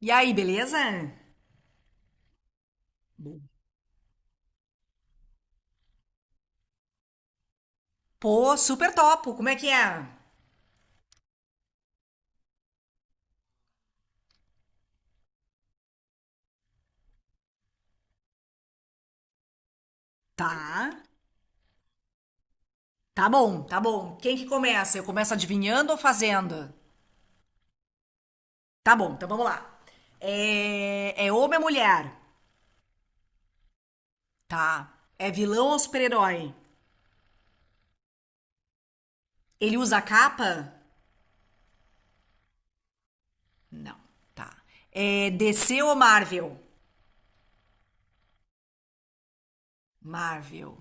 E aí, beleza? Bom. Pô, super topo. Como é que é? Tá. Tá bom, tá bom. Quem que começa? Eu começo adivinhando ou fazendo? Tá bom, então vamos lá. É homem ou mulher? Tá. É vilão ou super-herói? Ele usa capa? Não. Tá. É DC ou Marvel? Marvel.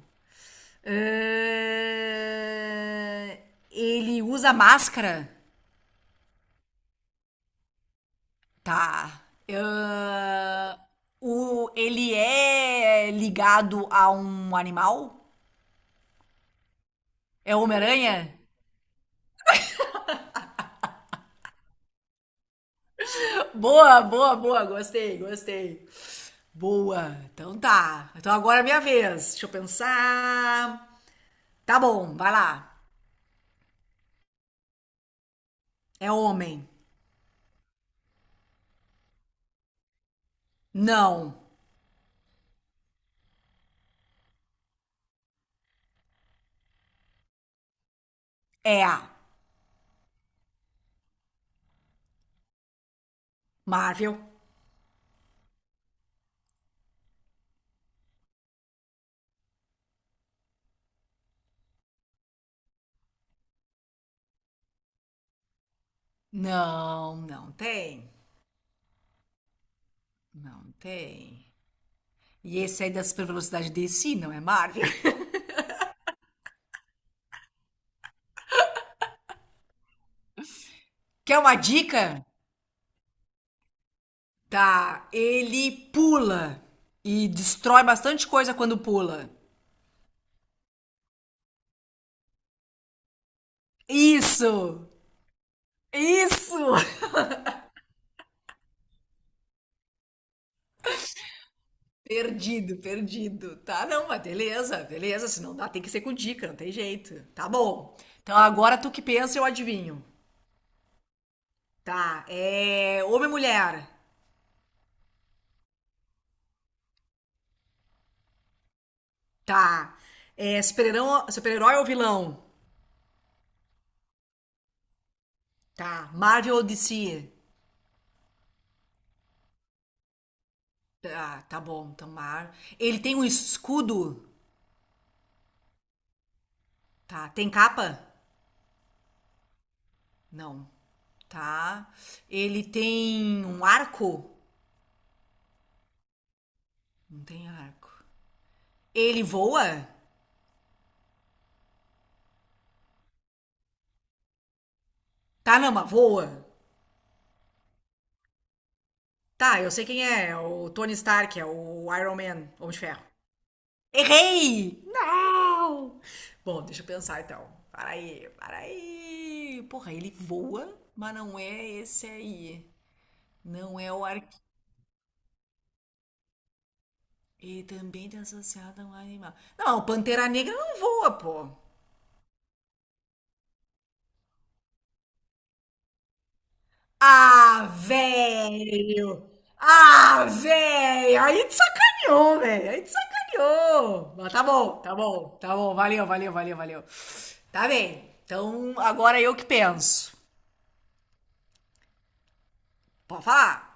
É. Ele usa máscara? Tá. Ele é ligado a um animal? É o Homem-Aranha? Boa, boa, boa. Gostei, gostei. Boa. Então tá. Então agora é minha vez. Deixa eu pensar. Tá bom, vai lá. É homem? Não. É a. Marvel? Não, não tem. Não tem. E esse aí da super velocidade DC, não é Marvel? Quer uma dica? Tá, ele pula e destrói bastante coisa quando pula. Isso! Isso! Perdido, perdido. Tá, não, mas beleza, beleza. Se não dá, tem que ser com dica, não tem jeito. Tá bom. Então agora tu que pensa, eu adivinho. Tá, é. Homem e mulher. Tá. É super-herói ou vilão? Tá. Marvel ou DC? Tá, tá bom. Então, ele tem um escudo? Tá. Tem capa? Não. Tá. Ele tem um arco? Não tem arco. Ele voa? Tá, não, mas voa. Tá, eu sei quem é. É o Tony Stark, é o Iron Man, Homem de Ferro. Errei! Não! Bom, deixa eu pensar então. Para aí, para aí. Porra, ele voa, mas não é esse aí. Não é o arco. E também tem associado a um animal. Não, o Pantera Negra não voa, pô. Ah, velho! Ah, velho! Aí te sacaneou, velho! Aí te sacaneou! Mas tá bom, tá bom, tá bom. Valeu, valeu, valeu, valeu. Tá bem. Então, agora eu que penso. Pode falar?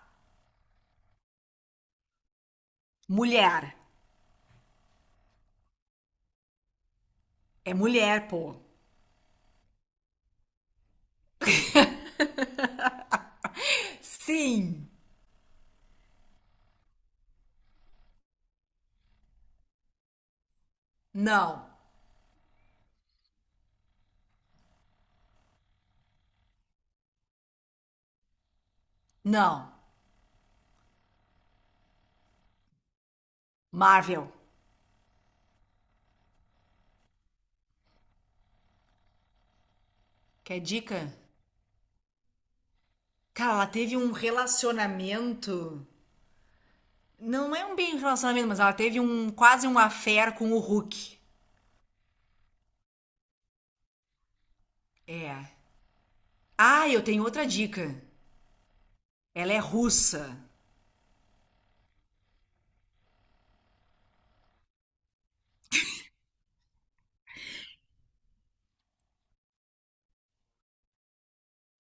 Mulher. É mulher, pô. Sim. Não. Não. Marvel. Quer dica? Cara, ela teve um relacionamento. Não é um bem relacionamento, mas ela teve um quase um affair com o Hulk. É. Ah, eu tenho outra dica. Ela é russa.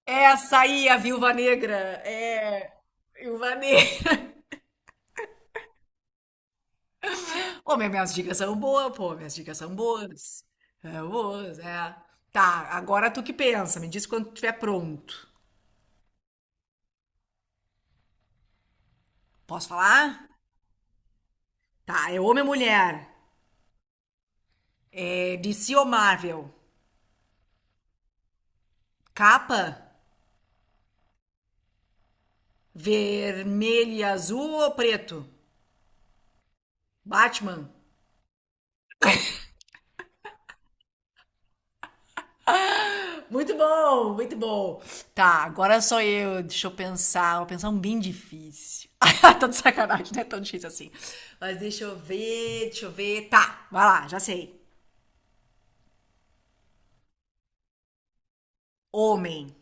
Essa aí, a Viúva Negra. É, Viúva Negra. Pô, mas minhas dicas são boas, pô. Minhas dicas são boas. É, boas, é. Tá, agora tu que pensa. Me diz quando estiver pronto. Posso falar? Tá, é homem ou mulher? É DC ou Marvel? Capa? Vermelho e azul ou preto? Batman? Muito bom, muito bom. Tá, agora sou eu. Deixa eu pensar. Vou pensar um bem difícil. Tá de sacanagem, não é tão difícil assim. Mas deixa eu ver, deixa eu ver. Tá, vai lá, já sei. Homem.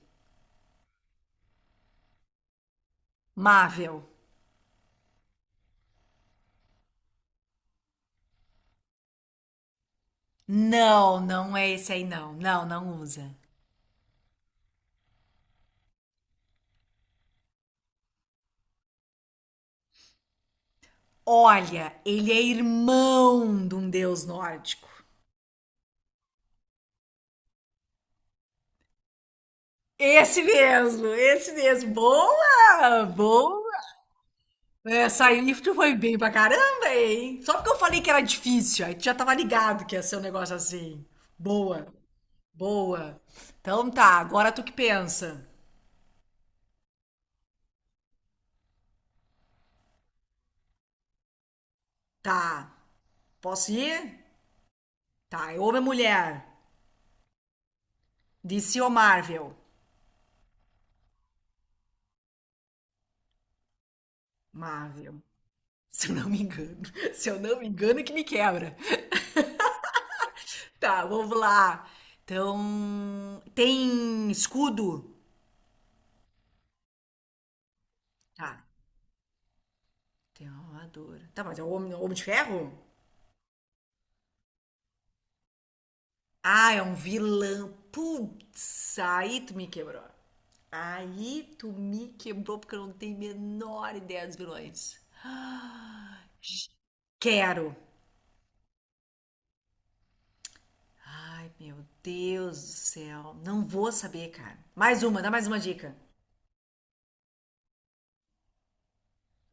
Marvel. Não, não é esse aí, não. Não, não usa. Olha, ele é irmão de um deus nórdico. Esse mesmo, esse mesmo. Boa! Boa! É, sair tu foi bem pra caramba, hein? Só porque eu falei que era difícil, aí tu já tava ligado que ia ser um negócio assim. Boa, boa. Então tá, agora tu que pensa. Tá, posso ir? Tá, é homem ou mulher? DC ou Marvel? Marvel. Se eu não me engano. Se eu não me engano, é que me quebra. Tá, vamos lá. Então, tem escudo? Tá, tem uma armadura. Tá, mas é o homem, homem de ferro? Ah, é um vilão. Putz, aí tu me quebrou. Aí tu me quebrou porque eu não tenho a menor ideia dos vilões. Ah, quero. Ai, meu Deus do céu. Não vou saber, cara. Mais uma, dá mais uma dica.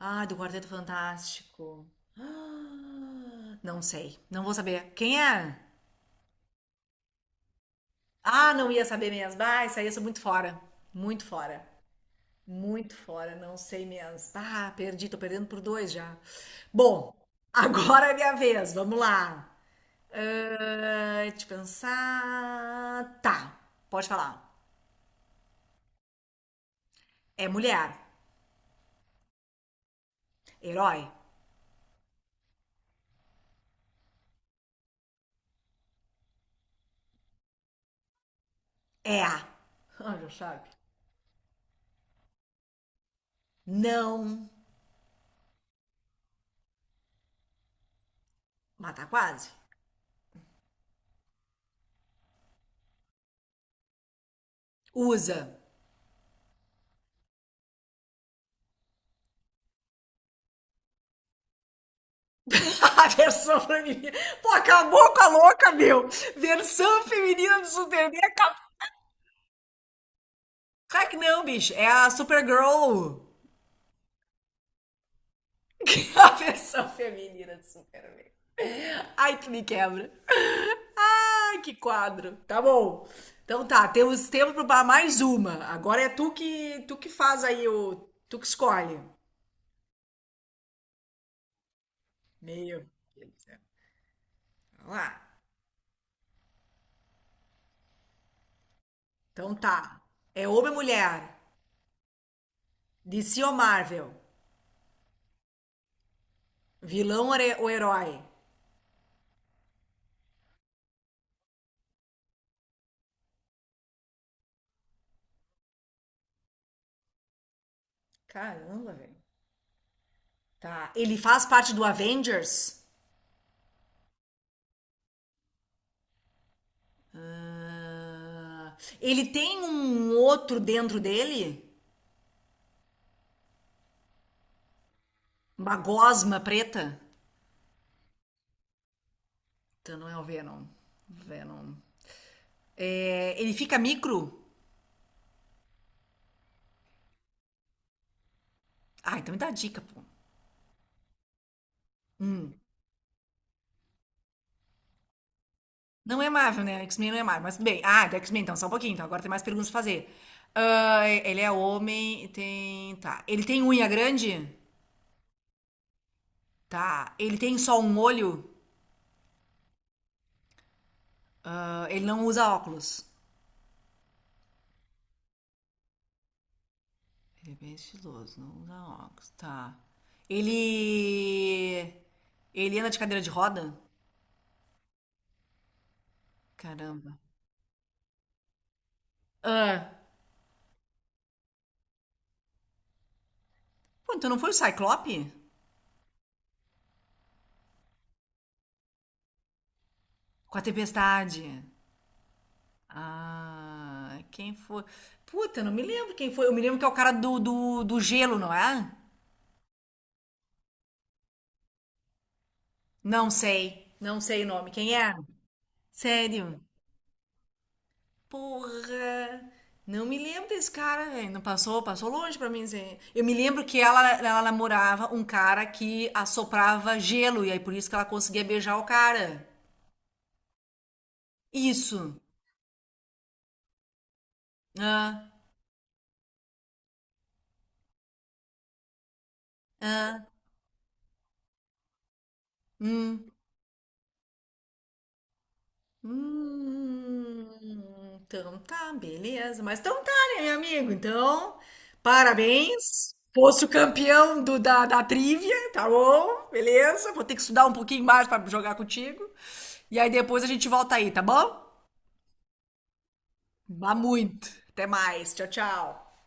Ah, do Quarteto Fantástico. Ah, não sei. Não vou saber. Quem é? Ah, não ia saber mesmo. Ah, isso aí eu sou muito fora. Muito fora. Muito fora, não sei mesmo. Ah, perdi, tô perdendo por dois já. Bom, agora é minha vez, vamos lá. Ah, deixa eu pensar. Tá, pode falar. É mulher. Herói. É a. Ah, já sabe. Não. Mata quase. Usa. A versão feminina. Pô, acabou com a louca, meu. Versão feminina do Superman. Acabou. Claro que não, bicho. É a Supergirl. Que a versão feminina de Superman. Ai, que me quebra. Ai, que quadro. Tá bom. Então tá, temos tempo para mais uma. Agora é tu que faz aí o tu que escolhe. Meio. Vamos lá. Então tá. É homem ou mulher? DC ou Marvel? Vilão ou herói? Caramba, velho. Tá. Ele faz parte do Avengers? Ah, ele tem um outro dentro dele? Uma gosma preta? Então não é o Venom. Venom. É, ele fica micro? Ah, então me dá dica, pô. Não é Marvel, né? X-Men não é Marvel, mas tudo bem. Ah, do X-Men, então, só um pouquinho. Então, agora tem mais perguntas pra fazer. Ah, ele é homem. Tá. Ele tem unha grande? Tá. Ele tem só um olho? Ah, ele não usa óculos? Ele é bem estiloso, não usa óculos. Tá. Ele... Ele anda de cadeira de roda? Caramba. Ah. Pô, então não foi o Cyclope? Com a tempestade. Ah, quem foi? Puta, eu não me lembro quem foi. Eu me lembro que é o cara do gelo, não é? Não sei. Não sei o nome. Quem é? Sério? Porra. Não me lembro desse cara, velho. Não passou, passou longe pra mim, assim. Eu me lembro que ela namorava um cara que assoprava gelo, e aí por isso que ela conseguia beijar o cara. Isso. Ah, ah, hum. Hum, então tá, beleza. Mas então tá, né, meu amigo? Então, parabéns. Fosse o campeão da trivia, tá bom? Beleza. Vou ter que estudar um pouquinho mais pra jogar contigo. E aí depois a gente volta aí, tá bom? Vá muito. Até mais. Tchau, tchau.